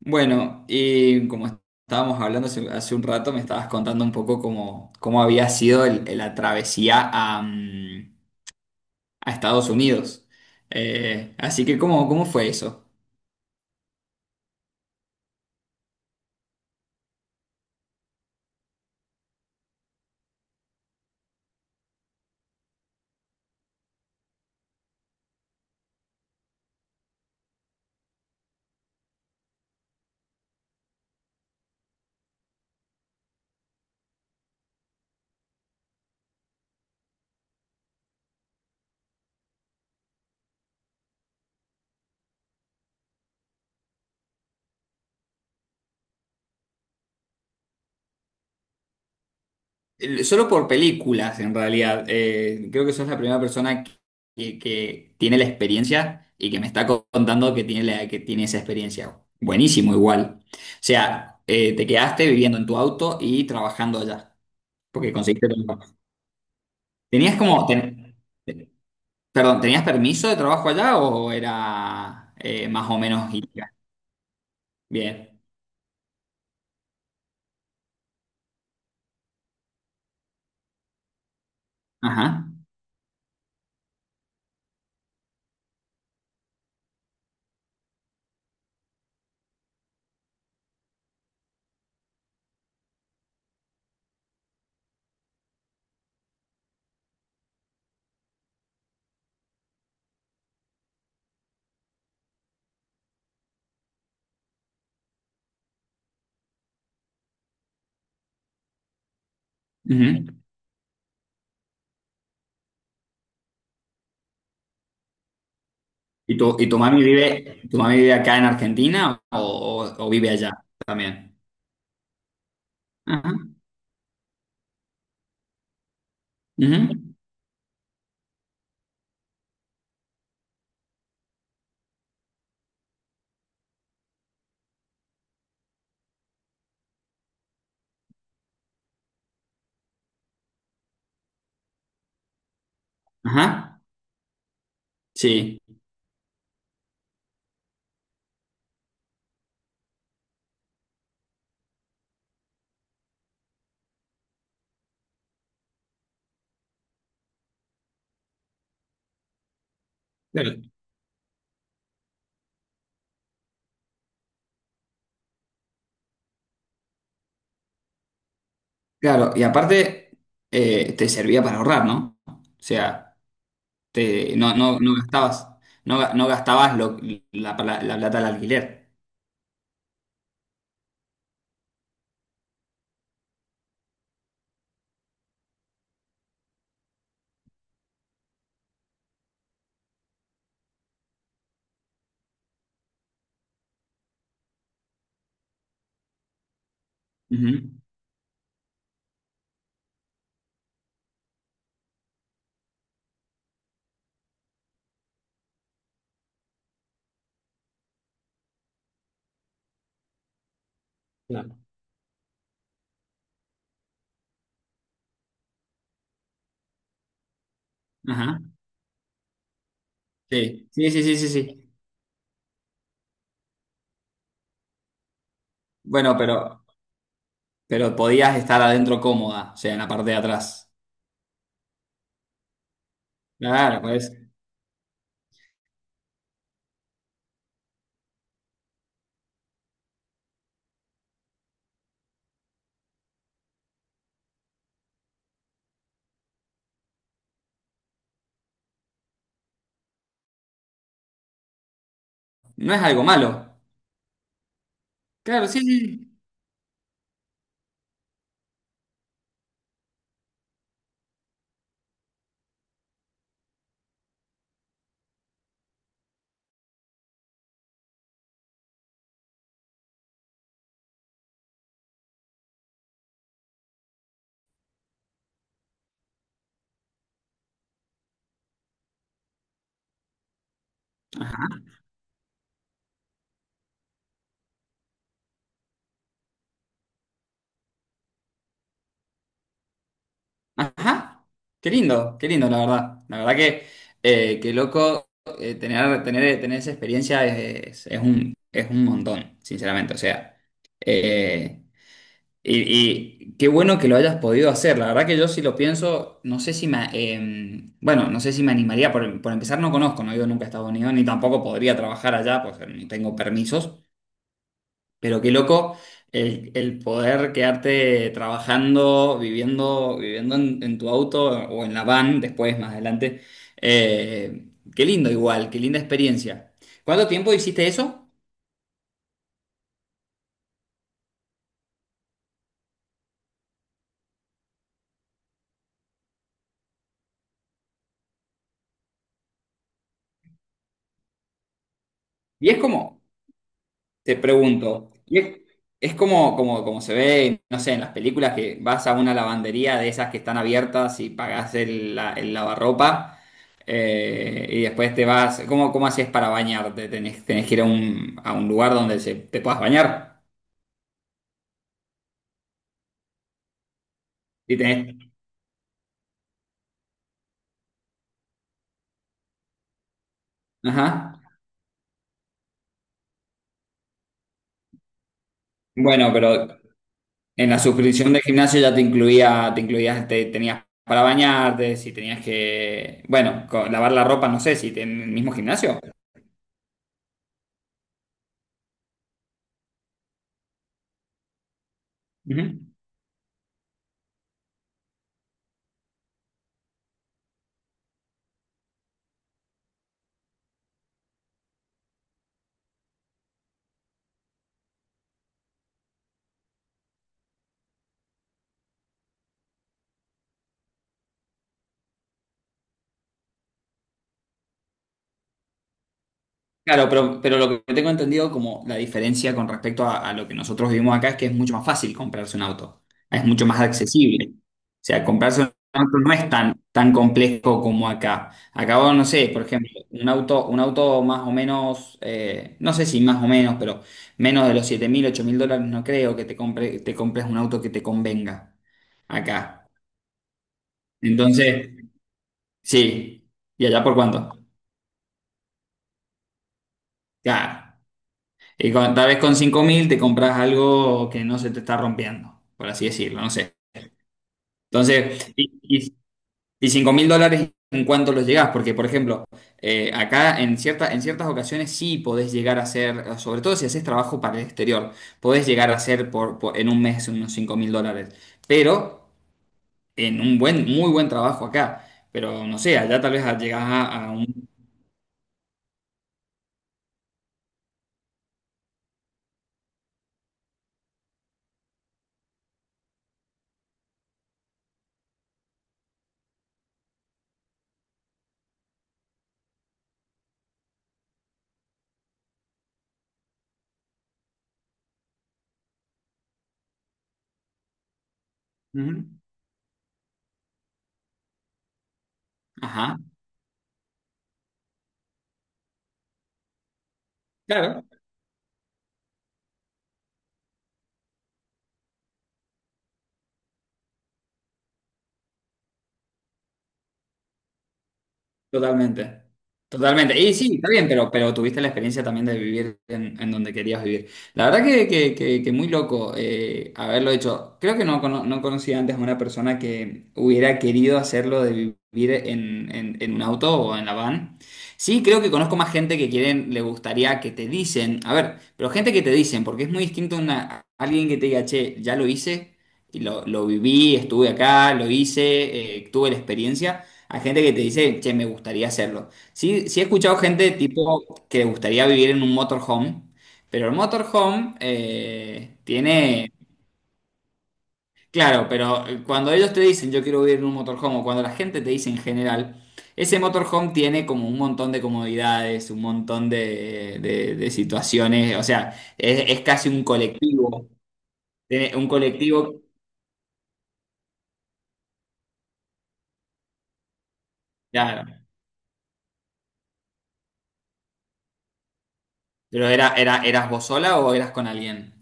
Bueno, y como estábamos hablando hace un rato, me estabas contando un poco cómo había sido la travesía a Estados Unidos. Así que, ¿cómo fue eso? Solo por películas, en realidad. Creo que sos la primera persona que tiene la experiencia y que me está contando que tiene esa experiencia. Buenísimo, igual. O sea, te quedaste viviendo en tu auto y trabajando allá, porque conseguiste trabajo. Tenías como... ten- Perdón, ¿tenías permiso de trabajo allá o era más o menos ilegal? Bien. Ajá. Ujú. Y tu mami vive acá en Argentina o, o vive allá también? Ajá. Ujú. Ajá. Sí. Pero... Claro, y aparte te servía para ahorrar, ¿no? O sea, no gastabas, no gastabas la plata del alquiler. Ujú. Claro. Ajá. Sí, sí, sí, sí, sí, sí. Bueno, pero podías estar adentro cómoda, o sea, en la parte de atrás. Claro, pues. No es algo malo. Claro, sí, sí. Ajá, ajá. Qué lindo, la verdad. La verdad que, qué loco, tener esa experiencia es un montón, sinceramente. O sea, eh, y, y qué bueno que lo hayas podido hacer. La verdad que yo si lo pienso, no sé si me, bueno, no sé si me animaría. Por empezar, no conozco, no he ido nunca a Estados Unidos, ni tampoco podría trabajar allá, pues ni tengo permisos. Pero qué loco el poder quedarte trabajando, viviendo en tu auto o en la van después, más adelante. Eh, qué lindo igual, qué linda experiencia. ¿Cuánto tiempo hiciste eso? ¿Y es como? Te pregunto, y es como, como se ve, no sé, en las películas que vas a una lavandería de esas que están abiertas y pagás el lavarropa y después te vas. ¿Cómo haces para bañarte? ¿Tenés que ir a un lugar donde te puedas bañar? Y tenés, ajá. Bueno, pero en la suscripción del gimnasio ya te incluía, te incluías, te tenías para bañarte, si tenías que, bueno, lavar la ropa, no sé, si en el mismo gimnasio. Ujú. Claro, pero lo que tengo entendido como la diferencia con respecto a lo que nosotros vivimos acá es que es mucho más fácil comprarse un auto, es mucho más accesible. O sea, comprarse un auto no es tan complejo como acá. Acá vos, no sé, por ejemplo, un auto más o menos, no sé si más o menos, pero menos de los 7.000, 8.000 dólares no creo que te compres un auto que te convenga acá. Entonces, sí. ¿Y allá por cuánto? Claro. Y tal vez con 5.000 te compras algo que no se te está rompiendo, por así decirlo, no sé. Entonces, y 5 mil dólares, ¿en cuánto los llegás? Porque, por ejemplo, acá en ciertas ocasiones sí podés llegar a hacer, sobre todo si haces trabajo para el exterior, podés llegar a hacer en un mes unos 5.000 dólares, pero en muy buen trabajo acá. Pero no sé, allá tal vez llegás a un... Ujú. Ajá, claro. Totalmente, totalmente. Y sí, está bien, pero tuviste la experiencia también de vivir en donde querías vivir. La verdad que, que muy loco haberlo hecho. Creo que no conocía antes a una persona que hubiera querido hacerlo de vivir en un auto o en la van. Sí, creo que conozco más gente que quieren, le gustaría que te dicen, a ver, pero gente que te dicen, porque es muy distinto una, alguien que te diga, che, ya lo hice. Y lo viví, estuve acá, lo hice, tuve la experiencia. Hay gente que te dice, che, me gustaría hacerlo. Sí, sí he escuchado gente tipo que le gustaría vivir en un motorhome, pero el motorhome tiene, claro, pero cuando ellos te dicen yo quiero vivir en un motorhome o cuando la gente te dice en general, ese motorhome tiene como un montón de comodidades, un montón de situaciones, o sea, es casi un colectivo, tiene un colectivo, claro, pero era, ¿eras vos sola o eras con alguien?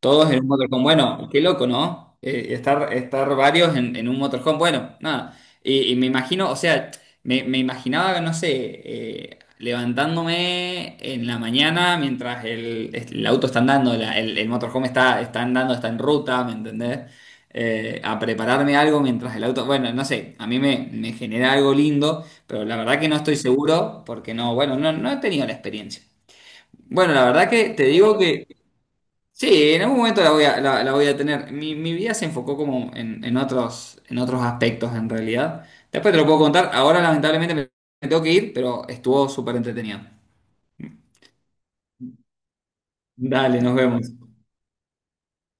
Todos en un motorhome. Bueno, qué loco, ¿no? Estar, varios en un motorhome. Bueno, nada. Y me imagino, o sea, me imaginaba, no sé, levantándome en la mañana mientras el auto está andando, el motorhome está andando, está en ruta, ¿me entendés? A prepararme algo mientras el auto. Bueno, no sé, a mí me genera algo lindo, pero la verdad que no estoy seguro porque bueno, no he tenido la experiencia. Bueno, la verdad que te digo. Sí, en algún momento la voy a tener. Mi vida se enfocó como en otros aspectos en realidad. Después te lo puedo contar. Ahora lamentablemente me tengo que ir, pero estuvo súper entretenido. Dale, nos vemos.